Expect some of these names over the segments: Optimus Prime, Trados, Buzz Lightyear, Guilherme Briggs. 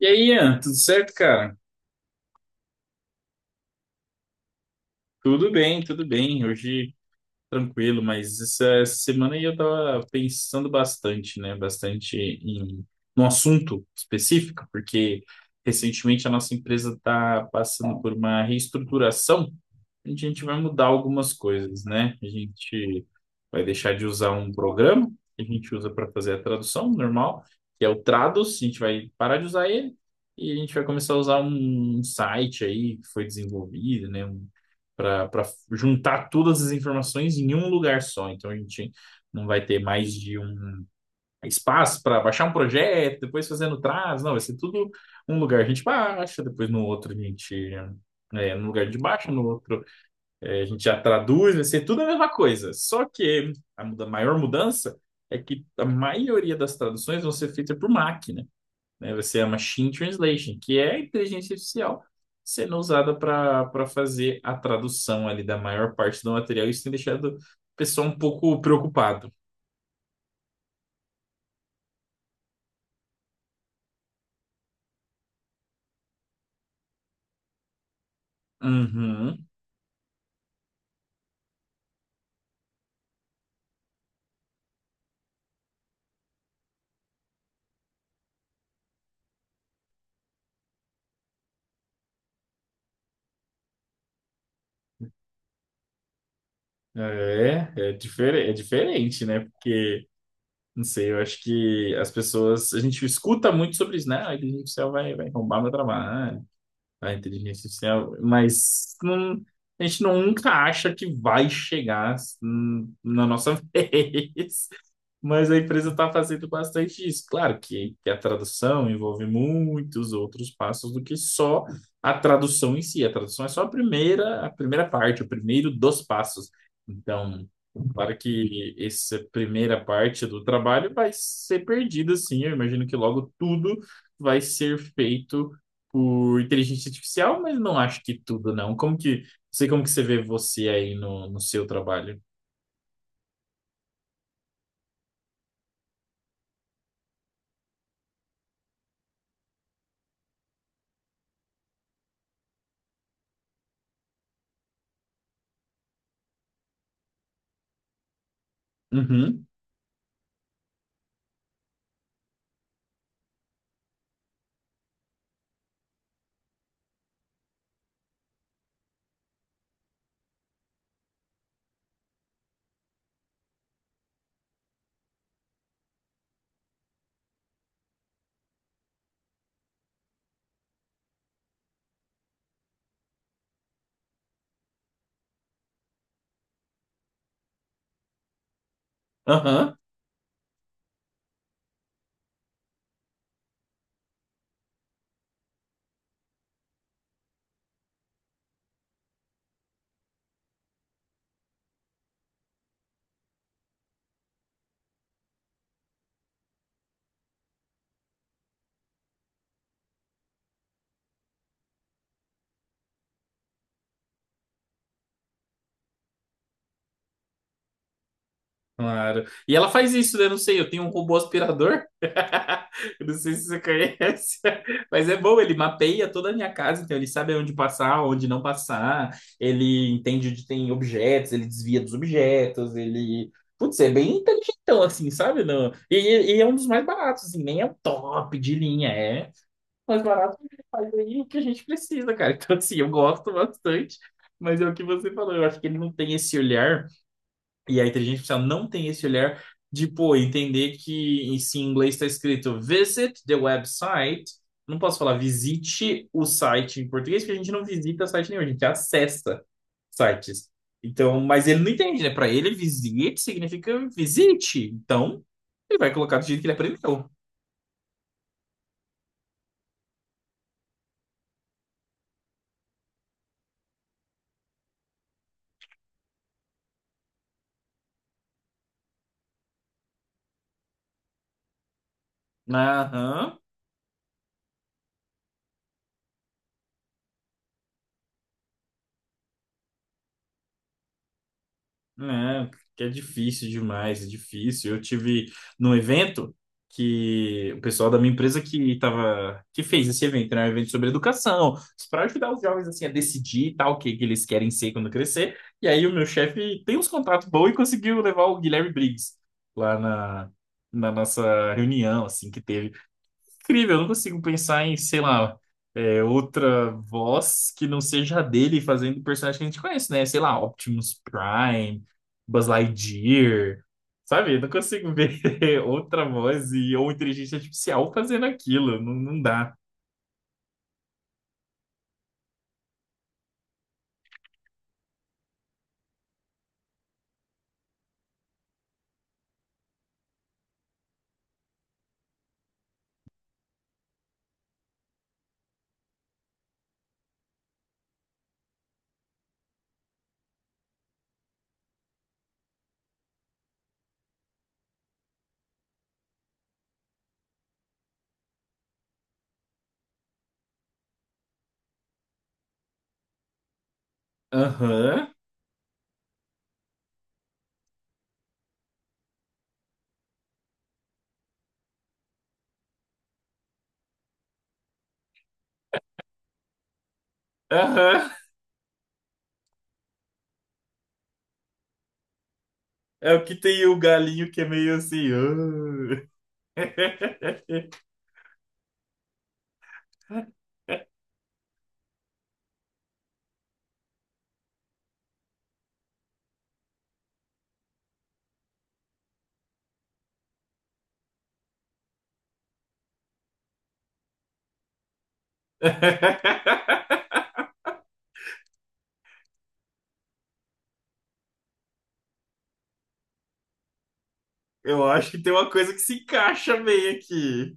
E aí, Ian, tudo certo, cara? Tudo bem, tudo bem. Hoje tranquilo, mas essa semana aí eu tava pensando bastante, né? Bastante em um assunto específico, porque recentemente a nossa empresa está passando por uma reestruturação, onde a gente vai mudar algumas coisas, né? A gente vai deixar de usar um programa que a gente usa para fazer a tradução normal, que é o Trados, a gente vai parar de usar ele e a gente vai começar a usar um site aí que foi desenvolvido, né, um, para juntar todas as informações em um lugar só. Então a gente não vai ter mais de um espaço para baixar um projeto, depois fazendo trás, não, vai ser tudo um lugar a gente baixa, depois no outro a gente é, no lugar de baixo, no outro é, a gente já traduz, vai ser tudo a mesma coisa. Só que a maior mudança é que a maioria das traduções vão ser feitas por máquina, né? Vai ser a machine translation, que é a inteligência artificial sendo usada para fazer a tradução ali da maior parte do material. Isso tem deixado o pessoal um pouco preocupado. Uhum. É, é, difer é diferente, né? Porque, não sei, eu acho que as pessoas. A gente escuta muito sobre isso, né? Ah, a inteligência artificial vai, vai roubar meu trabalho. A inteligência artificial, mas a gente nunca acha que vai chegar na nossa vez. Mas a empresa está fazendo bastante isso. Claro que a tradução envolve muitos outros passos do que só a tradução em si. A tradução é só a primeira parte, o primeiro dos passos. Então, claro que essa primeira parte do trabalho vai ser perdida, sim. Eu imagino que logo tudo vai ser feito por inteligência artificial, mas não acho que tudo, não. Como que, sei como que você vê você aí no seu trabalho. Uhum, aham, claro. E ela faz isso, né? Não sei, eu tenho um robô aspirador. Eu não sei se você conhece, mas é bom, ele mapeia toda a minha casa, então ele sabe onde passar, onde não passar, ele entende onde tem objetos, ele desvia dos objetos, ele... Putz, é bem inteligentão, assim, sabe? Não... E, e é um dos mais baratos, assim, nem é o top de linha, é mais barato que faz aí o que a gente precisa, cara. Então, assim, eu gosto bastante, mas é o que você falou. Eu acho que ele não tem esse olhar, e a inteligência artificial não tem esse olhar de, pô, entender que se em inglês está escrito visit the website, não posso falar visite o site em português, porque a gente não visita site nenhum, a gente acessa sites. Então, mas ele não entende, né? Para ele, visit significa visite. Então, ele vai colocar do jeito que ele aprendeu. Aham. É, que é difícil demais, é difícil. Eu tive num evento que o pessoal da minha empresa que tava, que fez esse evento, né? Um evento sobre educação, para ajudar os jovens assim a decidir e tal, o que, que eles querem ser quando crescer. E aí o meu chefe tem uns contatos bons e conseguiu levar o Guilherme Briggs lá na nossa reunião, assim, que teve incrível, eu não consigo pensar em, sei lá, é, outra voz que não seja a dele fazendo o personagem que a gente conhece, né? Sei lá, Optimus Prime, Buzz Lightyear, sabe? Eu não consigo ver outra voz e, ou inteligência artificial fazendo aquilo, não, não dá. Aham, aham, é o que tem o galinho que é meio assim. "Ah". Eu acho que tem uma coisa que se encaixa bem aqui.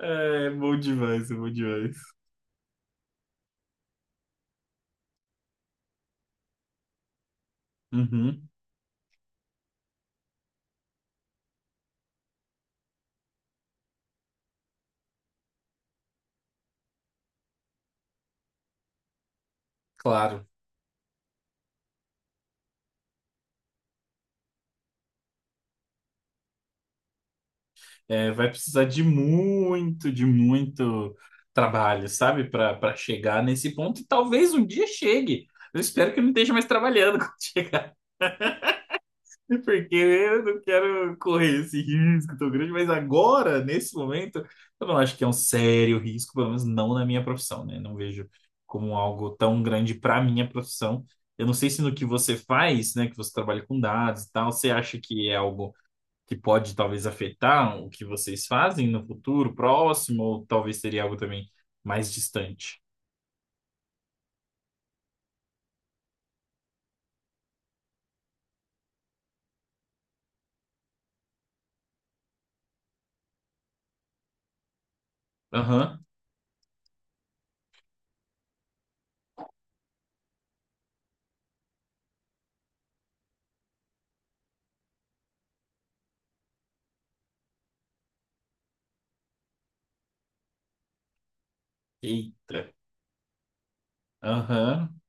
É bom demais, é bom demais. Uhum, claro. É, vai precisar de muito trabalho, sabe? Para chegar nesse ponto. E talvez um dia chegue. Eu espero que eu não esteja mais trabalhando quando chegar, porque eu não quero correr esse risco tão grande. Mas agora, nesse momento, eu não acho que é um sério risco, pelo menos não na minha profissão, né? Não vejo como algo tão grande para minha profissão. Eu não sei se no que você faz, né, que você trabalha com dados e tal, você acha que é algo que pode talvez afetar o que vocês fazem no futuro próximo, ou talvez seria algo também mais distante. Aham. Eita. Aham.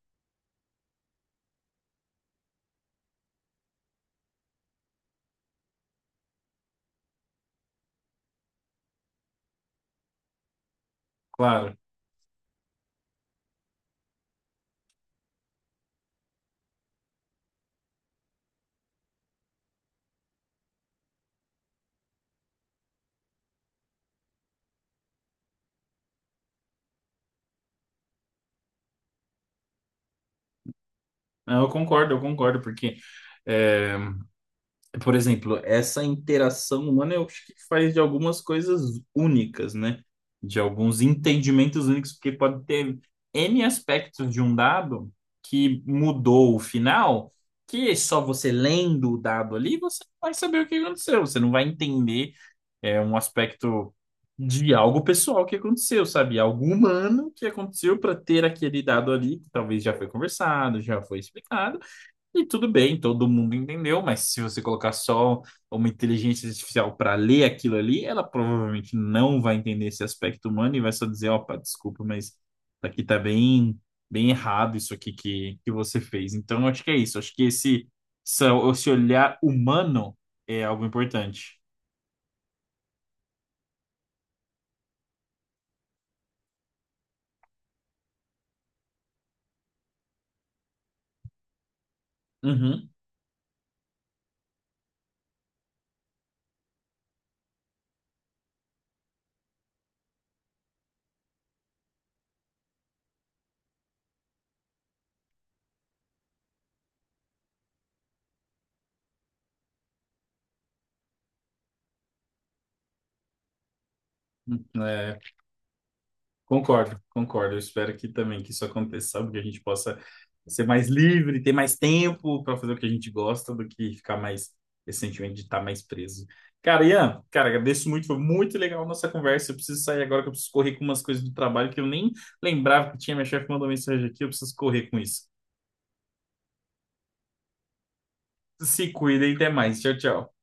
Claro. Não, eu concordo, eu concordo, porque eh, por exemplo, essa interação humana eu acho que faz de algumas coisas únicas, né? De alguns entendimentos únicos, porque pode ter N aspectos de um dado que mudou o final, que só você lendo o dado ali, você não vai saber o que aconteceu, você não vai entender é, um aspecto de algo pessoal que aconteceu, sabe? Algo humano que aconteceu para ter aquele dado ali, que talvez já foi conversado, já foi explicado e tudo bem, todo mundo entendeu, mas se você colocar só uma inteligência artificial para ler aquilo ali, ela provavelmente não vai entender esse aspecto humano e vai só dizer, opa, desculpa, mas aqui tá bem, bem errado isso aqui que você fez. Então, eu acho que é isso. Acho que esse, esse olhar humano é algo importante. Uhum. É, concordo, concordo. Eu espero que também que isso aconteça, sabe? Que a gente possa ser mais livre, ter mais tempo para fazer o que a gente gosta do que ficar mais esse sentimento de estar mais preso. Cara, Ian, cara, agradeço muito, foi muito legal a nossa conversa. Eu preciso sair agora que eu preciso correr com umas coisas do trabalho que eu nem lembrava que tinha. Minha chefe mandou mensagem aqui, eu preciso correr com isso. Se cuida e até mais. Tchau, tchau.